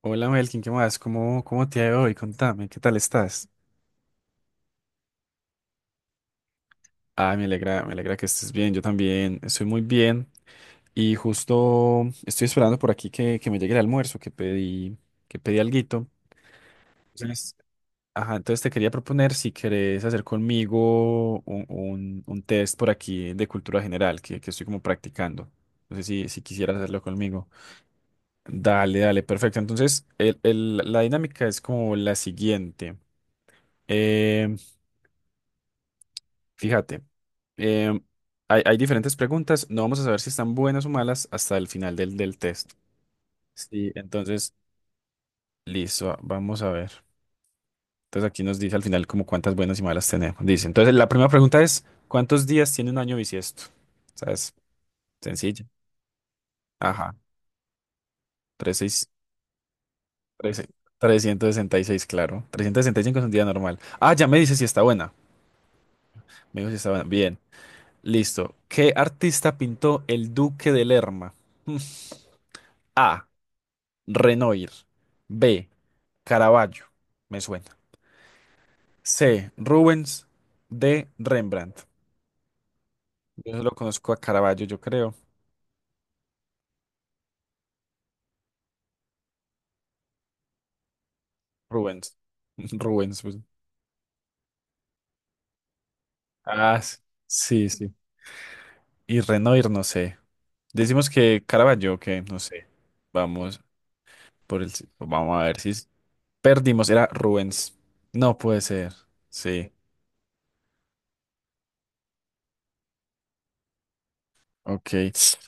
Hola Melkin, ¿qué más? ¿Cómo te ha ido hoy? Contame, ¿qué tal estás? Ah, me alegra que estés bien, yo también estoy muy bien y justo estoy esperando por aquí que me llegue el almuerzo, que pedí alguito. Entonces, ajá, entonces te quería proponer si querés hacer conmigo un test por aquí de cultura general que estoy como practicando. No sé si quisieras hacerlo conmigo. Dale, dale, perfecto. Entonces, la dinámica es como la siguiente. Eh, Fíjate, em, hay diferentes preguntas. No vamos a saber si están buenas o malas hasta el final del test. Sí, entonces, listo, vamos a ver. Entonces aquí nos dice al final como cuántas buenas y malas tenemos. Dice, entonces la primera pregunta es, ¿cuántos días tiene un año bisiesto? ¿Sabes? Sencilla. Ajá, tres, seis, tres, se- 366, claro. 365 es un día normal. Ah, ya me dice si está buena. Me dijo si está buena. Bien, listo. ¿Qué artista pintó El Duque de Lerma? Hmm. A. Renoir. B. Caravaggio. Me suena. C. Rubens. D. Rembrandt. Yo solo conozco a Caravaggio, yo creo. Rubens. Rubens, pues. Ah, sí, sí. Y Renoir, no sé. Decimos que Caravaggio, que no sé. Vamos por el. Vamos a ver si s- perdimos. Era Rubens. No puede ser. Sí. Ok.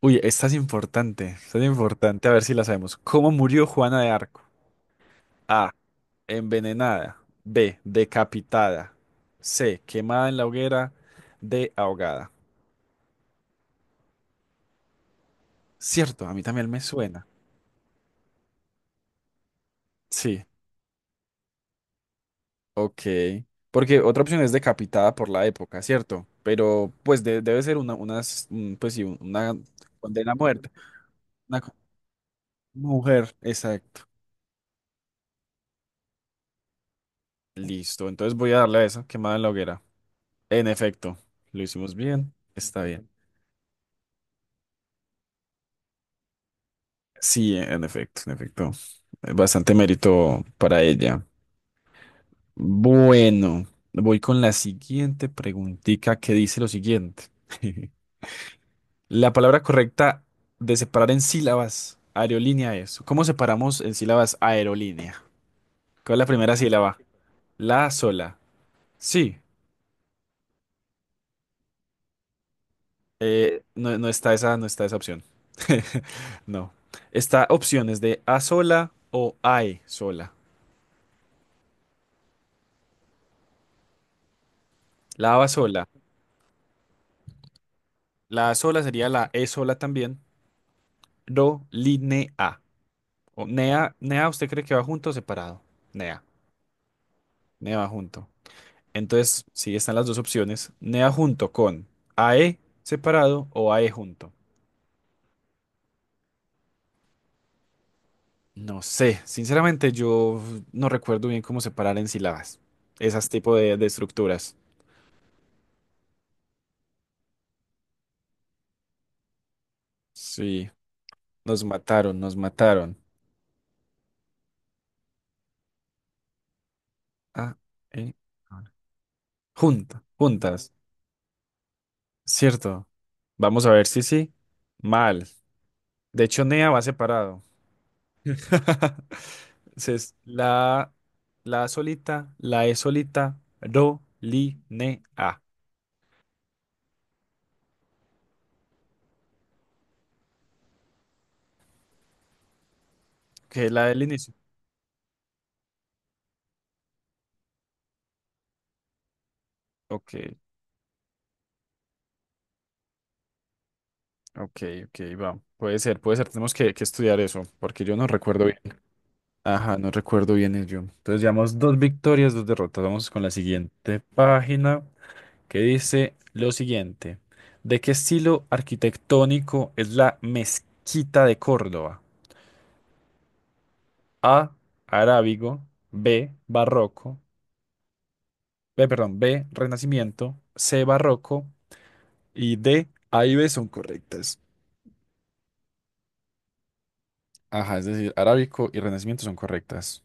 Uy, esta es importante. Esta es importante. A ver si la sabemos. ¿Cómo murió Juana de Arco? A. Envenenada. B. Decapitada. C. Quemada en la hoguera. D. Ahogada. Cierto, a mí también me suena. Sí, ok. Porque otra opción es decapitada por la época, ¿cierto? Pero pues debe ser una, unas, pues sí, una condena a muerte. Una co- mujer, exacto. Listo, entonces voy a darle a esa, quemada en la hoguera. En efecto, lo hicimos bien. Está bien. Sí, en efecto, en efecto. Bastante mérito para ella. Bueno, voy con la siguiente preguntica que dice lo siguiente. La palabra correcta de separar en sílabas, aerolínea es. ¿Cómo separamos en sílabas aerolínea? ¿Cuál es la primera sílaba? La sola. Sí, no, no está esa, no está esa opción. No. Está opciones de A sola o AE sola. La A va sola. La A sola sería la E sola también. Ro, line, A. O Nea, Nea, ¿usted cree que va junto o separado? Nea, Nea va junto. Entonces, sí, están las dos opciones. Nea junto con AE separado o AE junto. No sé, sinceramente yo no recuerdo bien cómo separar en sílabas. Esas tipo de estructuras. Sí, nos mataron, nos mataron. A, E, junta, juntas, ¿cierto? Vamos a ver si sí. Mal. De hecho, Nea va separado. Entonces, la solita, la E solita, ro, li, ne, a, que es la del inicio. Ok, ok, ok, va. Puede ser, puede ser. Tenemos que estudiar eso, porque yo no recuerdo bien. Ajá, no recuerdo bien el yo. Entonces, llevamos dos victorias, dos derrotas. Vamos con la siguiente página, que dice lo siguiente. ¿De qué estilo arquitectónico es la mezquita de Córdoba? A, arábigo, B, barroco, B, perdón, B, Renacimiento, C, Barroco y D, A y B son correctas. Ajá, es decir, Arábico y Renacimiento son correctas.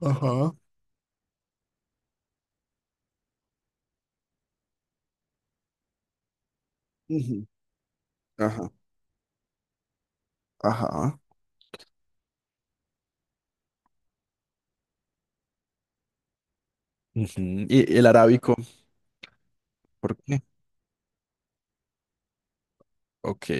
Ajá. Ujú. Ajá. Ajá. Ujú. Y el arábico, ¿por qué? Ok,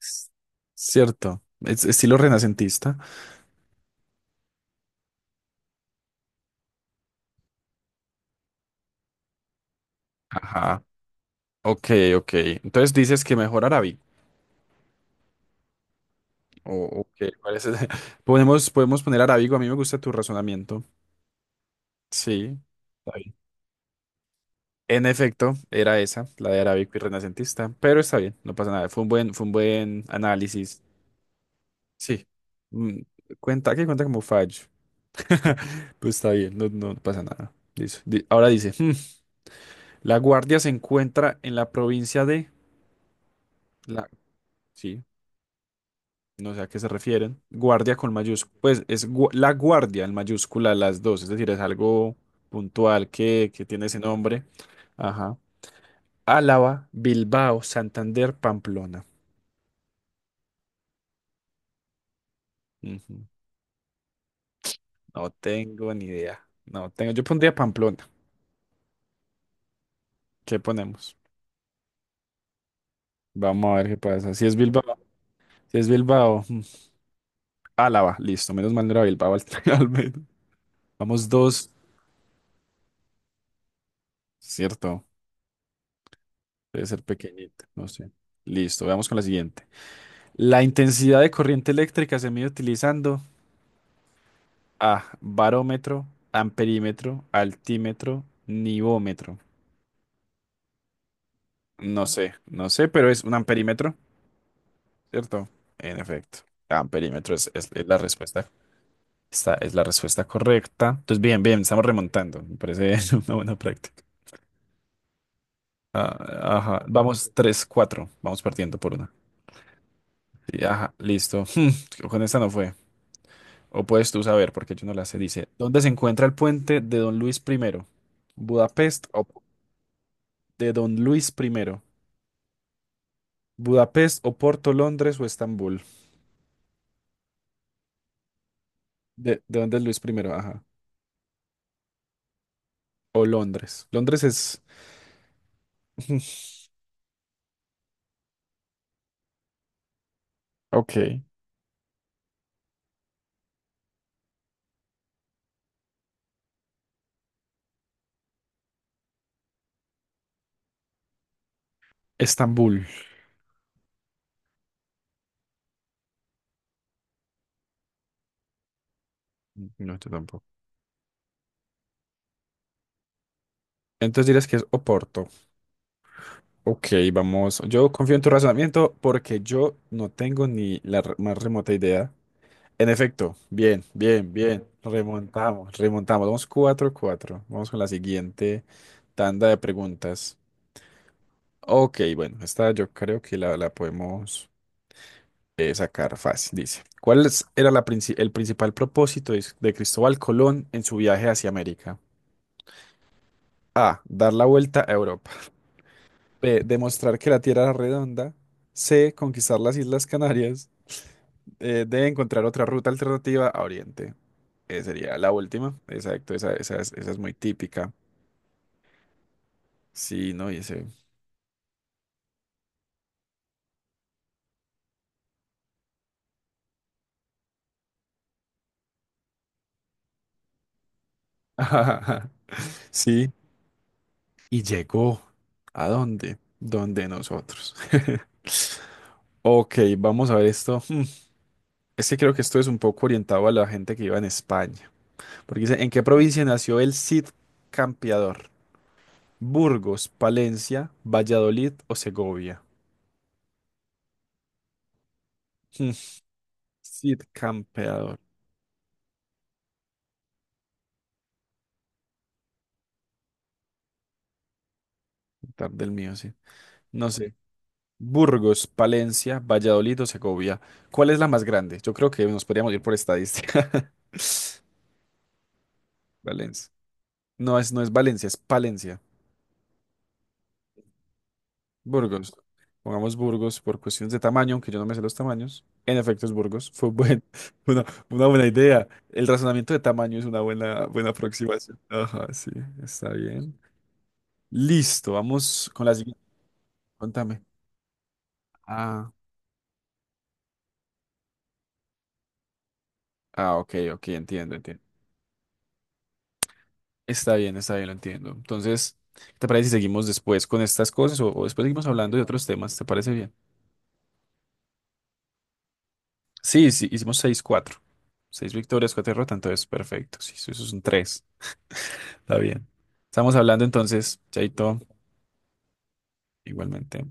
s- cierto, es estilo renacentista. Ajá, ok, ok. Entonces dices que mejor Arábico. O ok, ¿cuál es Podemos poner Arábigo, a mí me gusta tu razonamiento. Sí. Está bien. En efecto, era esa, la de arábico y renacentista, pero está bien, no pasa nada. Fue un buen análisis. Sí. Mm, cuenta, que cuenta como fallo. Pues está bien, no, no pasa nada. Listo. Ahora dice, "La guardia se encuentra en la provincia de la... Sí, no sé a qué se refieren. Guardia con mayúscula. Pues es la guardia en mayúscula las dos, es decir, es algo puntual que tiene ese nombre. Ajá. Álava, Bilbao, Santander, Pamplona. Ujú. No tengo ni idea. No tengo. Yo pondría Pamplona. ¿Qué ponemos? Vamos a ver qué pasa. Si es Bilbao, mm, Álava, listo. Menos mal no era Bilbao al, al menos. Vamos dos, cierto. Debe ser pequeñita, no sé. Listo, veamos con la siguiente. La intensidad de corriente eléctrica se mide utilizando A, barómetro, amperímetro, altímetro, nivómetro. No sé, no sé, pero es un amperímetro, ¿cierto? En efecto, amperímetro es la respuesta. Esta es la respuesta correcta. Entonces, bien, bien, estamos remontando. Me parece una buena práctica. Ah, ajá, vamos 3-4. Vamos partiendo por una. Sí, ajá, listo. Con esta no fue. O puedes tú saber, porque yo no la sé. Dice, ¿dónde se encuentra el puente de Don Luis primero ¿Budapest o de Don Luis primero ¿Budapest o Porto, Londres o Estambul? ¿De dónde es Luis primero? Ajá. O Londres. Londres es... Ok. Estambul. No, yo tampoco. Entonces dirás que es Oporto. Ok, vamos. Yo confío en tu razonamiento porque yo no tengo ni más remota idea. En efecto, bien, bien, bien. Remontamos, remontamos. Vamos 4-4. Vamos con la siguiente tanda de preguntas. Ok, bueno, esta yo creo que la podemos sacar fácil. Dice, ¿era el principal propósito de Cristóbal Colón en su viaje hacia América? A, dar la vuelta a Europa. B, demostrar que la Tierra era redonda. C, conquistar las Islas Canarias. De encontrar otra ruta alternativa a Oriente. Sería la última. Exacto, esa es muy típica. Sí, no, y ese. Sí, y llegó. ¿A dónde? Donde nosotros. Ok, vamos a ver esto. Es que creo que esto es un poco orientado a la gente que iba en España. Porque dice, ¿en qué provincia nació el Cid Campeador? Burgos, Palencia, Valladolid o Segovia. Hmm, Cid Campeador. Tarde el mío, sí. No sé. Burgos, Palencia, Valladolid o Segovia. ¿Cuál es la más grande? Yo creo que nos podríamos ir por estadística. Valencia. No es, no es Valencia, es Palencia. Burgos. Pongamos Burgos por cuestiones de tamaño, aunque yo no me sé los tamaños. En efecto, es Burgos. Una buena idea. El razonamiento de tamaño es una buena, buena aproximación. Ajá, sí, está bien. Listo, vamos con la siguiente. Contame. Ah, ah, ok, ok, entiendo, entiendo. Está bien, lo entiendo. Entonces, ¿qué ¿te parece si seguimos después con estas cosas o, después seguimos hablando de otros temas? ¿Te parece bien? Sí, sí, hicimos 6-4, seis victorias, 4 derrotas, entonces perfecto. Sí, eso es un 3. Está bien. Estamos hablando entonces, Chaito, igualmente.